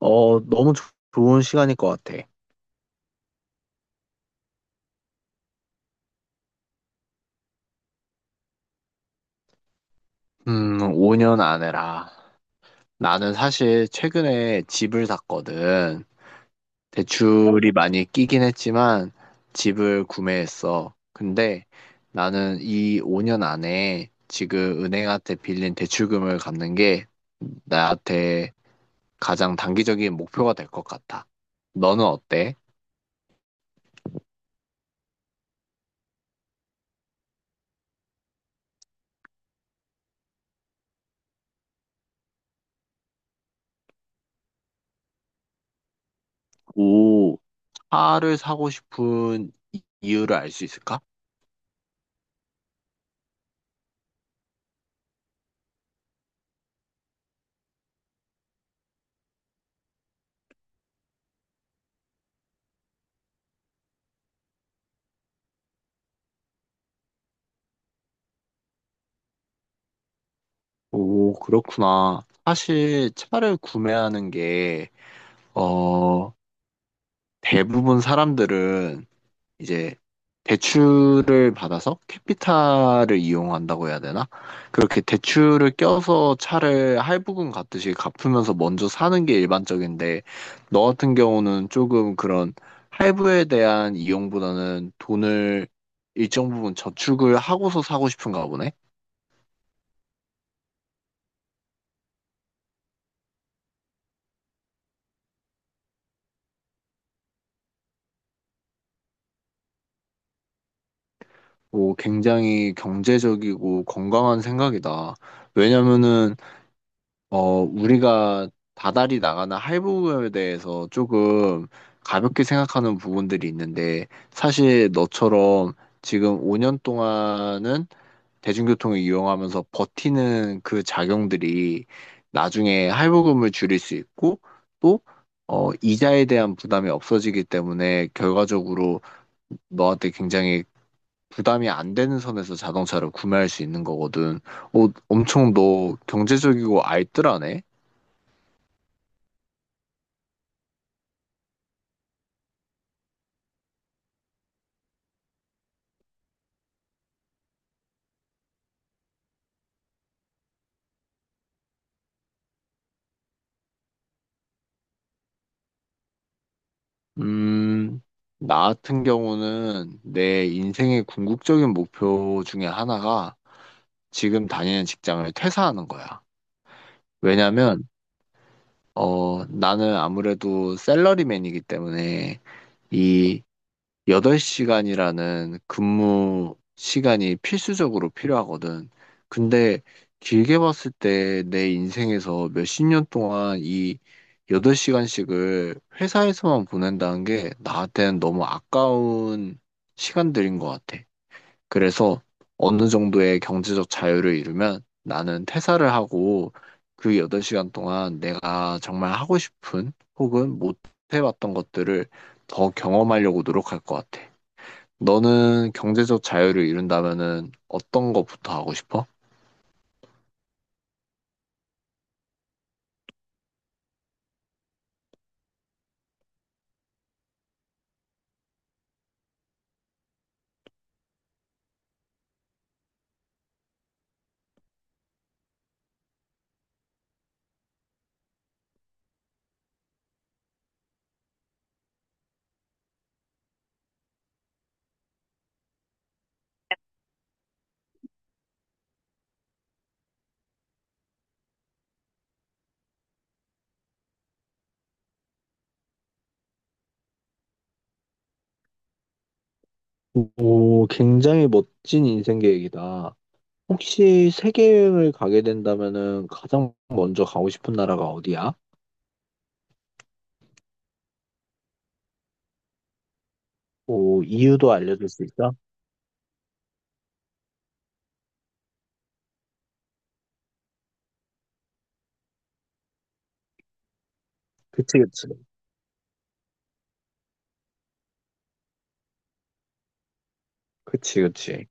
너무 좋은 시간일 것 같아. 5년 안에라. 나는 사실 최근에 집을 샀거든. 대출이 많이 끼긴 했지만 집을 구매했어. 근데 나는 이 5년 안에 지금 은행한테 빌린 대출금을 갚는 게 나한테 가장 단기적인 목표가 될 것 같아. 너는 어때? 오, 차를 사고 싶은 이유를 알 수 있을까? 오, 그렇구나. 사실 차를 구매하는 게, 어, 대부분 사람들은 이제 대출을 받아서 캐피탈을 이용한다고 해야 되나? 그렇게 대출을 껴서 차를 할부금 갚듯이 갚으면서 먼저 사는 게 일반적인데, 너 같은 경우는 조금 그런 할부에 대한 이용보다는 돈을 일정 부분 저축을 하고서 사고 싶은가 보네. 오, 굉장히 경제적이고 건강한 생각이다. 왜냐면은, 우리가 다달이 나가는 할부에 대해서 조금 가볍게 생각하는 부분들이 있는데, 사실 너처럼 지금 5년 동안은 대중교통을 이용하면서 버티는 그 작용들이 나중에 할부금을 줄일 수 있고 또 이자에 대한 부담이 없어지기 때문에 결과적으로 너한테 굉장히 부담이 안 되는 선에서 자동차를 구매할 수 있는 거거든. 엄청 너 경제적이고 알뜰하네? 음, 나 같은 경우는 내 인생의 궁극적인 목표 중에 하나가 지금 다니는 직장을 퇴사하는 거야. 왜냐면, 나는 아무래도 샐러리맨이기 때문에 이 8시간이라는 근무 시간이 필수적으로 필요하거든. 근데 길게 봤을 때 내 인생에서 몇 십 년 동안 이 8시간씩을 회사에서만 보낸다는 게 나한테는 너무 아까운 시간들인 것 같아. 그래서 어느 정도의 경제적 자유를 이루면 나는 퇴사를 하고 그 8시간 동안 내가 정말 하고 싶은 혹은 못 해봤던 것들을 더 경험하려고 노력할 것 같아. 너는 경제적 자유를 이룬다면은 어떤 것부터 하고 싶어? 오, 굉장히 멋진 인생 계획이다. 혹시 세계 여행을 가게 된다면은 가장 먼저 가고 싶은 나라가 어디야? 오, 이유도 알려줄 수 있어? 그치, 그치. 그치, 그치.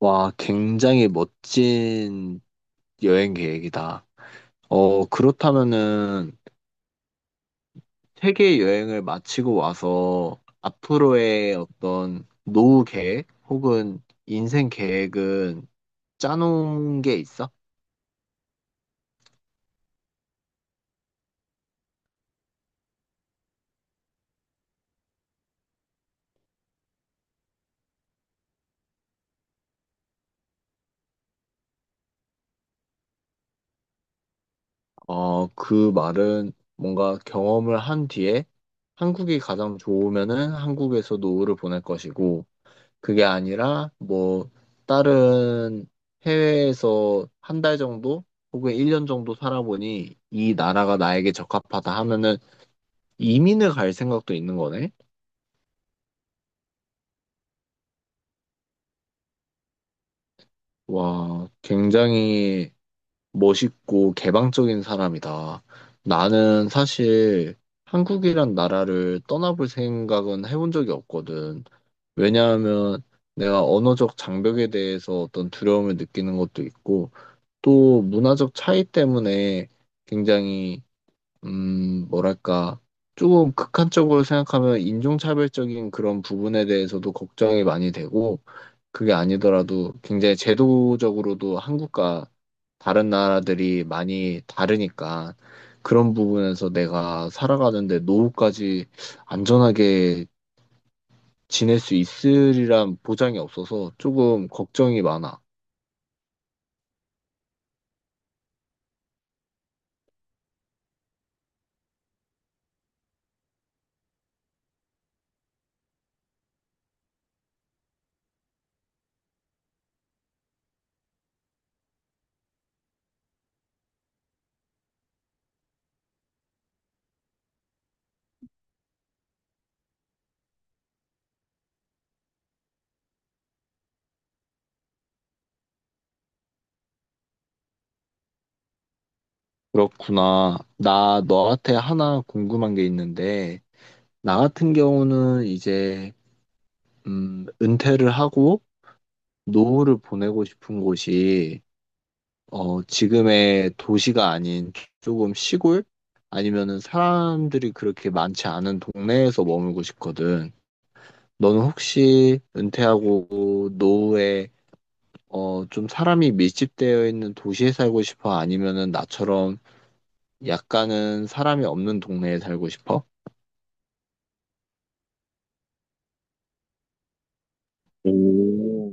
와, 굉장히 멋진 여행 계획이다. 그렇다면은 세계 여행을 마치고 와서 앞으로의 어떤 노후 계획 혹은 인생 계획은 짜놓은 게 있어? 그 말은 뭔가 경험을 한 뒤에 한국이 가장 좋으면은 한국에서 노후를 보낼 것이고, 그게 아니라 뭐 다른 해외에서 한 달 정도 혹은 1년 정도 살아보니 이 나라가 나에게 적합하다 하면은 이민을 갈 생각도 있는 거네? 와, 굉장히 멋있고 개방적인 사람이다. 나는 사실 한국이란 나라를 떠나볼 생각은 해본 적이 없거든. 왜냐하면 내가 언어적 장벽에 대해서 어떤 두려움을 느끼는 것도 있고, 또 문화적 차이 때문에 굉장히, 뭐랄까, 조금 극한적으로 생각하면 인종차별적인 그런 부분에 대해서도 걱정이 많이 되고, 그게 아니더라도 굉장히 제도적으로도 한국과 다른 나라들이 많이 다르니까 그런 부분에서 내가 살아가는데 노후까지 안전하게 지낼 수 있으리란 보장이 없어서 조금 걱정이 많아. 그렇구나. 나 너한테 하나 궁금한 게 있는데, 나 같은 경우는 이제, 은퇴를 하고 노후를 보내고 싶은 곳이 지금의 도시가 아닌 조금 시골? 아니면은 사람들이 그렇게 많지 않은 동네에서 머물고 싶거든. 너는 혹시 은퇴하고 노후에 좀 사람이 밀집되어 있는 도시에 살고 싶어? 아니면은 나처럼 약간은 사람이 없는 동네에 살고 싶어? 오.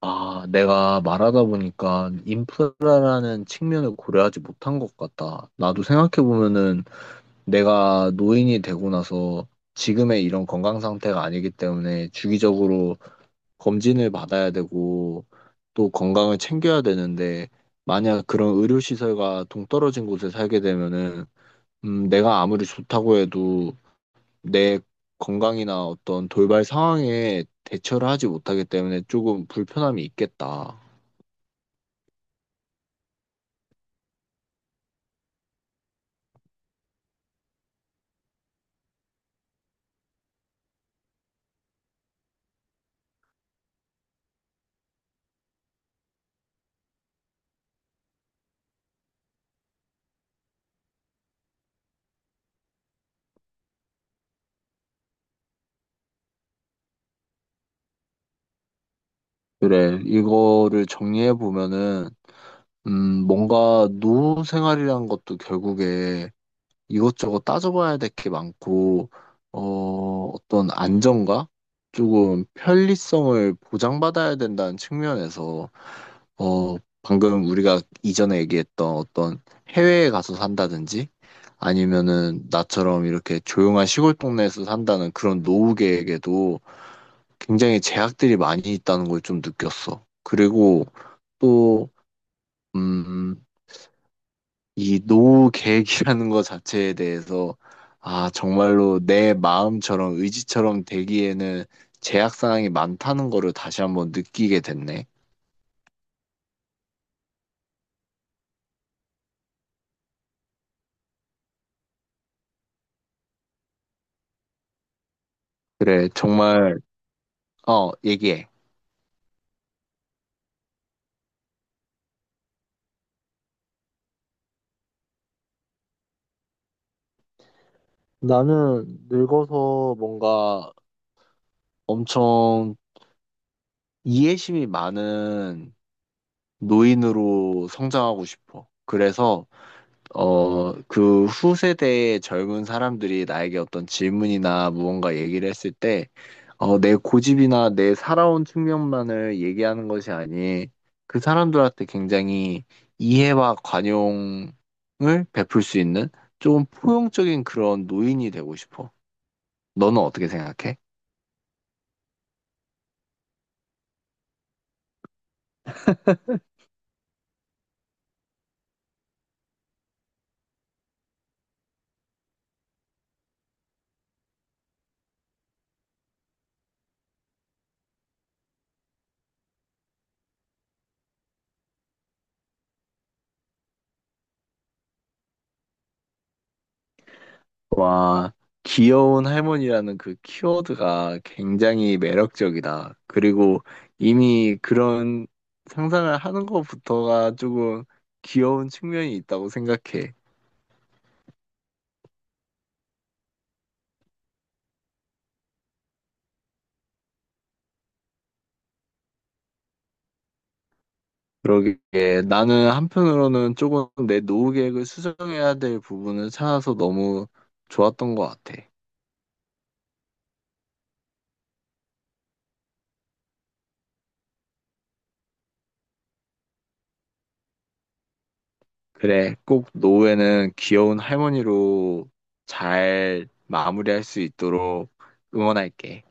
아, 내가 말하다 보니까 인프라라는 측면을 고려하지 못한 것 같다. 나도 생각해보면은 내가 노인이 되고 나서 지금의 이런 건강 상태가 아니기 때문에 주기적으로 검진을 받아야 되고 또 건강을 챙겨야 되는데 만약 그런 의료시설과 동떨어진 곳에 살게 되면은 내가 아무리 좋다고 해도 내 건강이나 어떤 돌발 상황에 대처를 하지 못하기 때문에 조금 불편함이 있겠다. 그래, 이거를 정리해 보면은 뭔가 노후 생활이란 것도 결국에 이것저것 따져봐야 될 게 많고, 어떤 안정과 조금 편리성을 보장받아야 된다는 측면에서, 어, 방금 우리가 이전에 얘기했던 어떤 해외에 가서 산다든지, 아니면은 나처럼 이렇게 조용한 시골 동네에서 산다는 그런 노후계에게도 굉장히 제약들이 많이 있다는 걸 좀 느꼈어. 그리고 또, 음, 이 노후 계획이라는 것 자체에 대해서 아, 정말로 내 마음처럼 의지처럼 되기에는 제약 사항이 많다는 거를 다시 한번 느끼게 됐네. 그래, 정말 얘기해. 나는 늙어서 뭔가 엄청 이해심이 많은 노인으로 성장하고 싶어. 그래서 그 후세대의 젊은 사람들이 나에게 어떤 질문이나 무언가 얘기를 했을 때 내 고집이나 내 살아온 측면만을 얘기하는 것이 아닌 그 사람들한테 굉장히 이해와 관용을 베풀 수 있는 조금 포용적인 그런 노인이 되고 싶어. 너는 어떻게 생각해? 와, 귀여운 할머니라는 그 키워드가 굉장히 매력적이다. 그리고 이미 그런 상상을 하는 것부터가 조금 귀여운 측면이 있다고 생각해. 그러게 나는 한편으로는 조금 내 노후 계획을 수정해야 될 부분을 찾아서 너무 좋았던 것 같아. 그래, 꼭 노후에는 귀여운 할머니로 잘 마무리할 수 있도록 응원할게.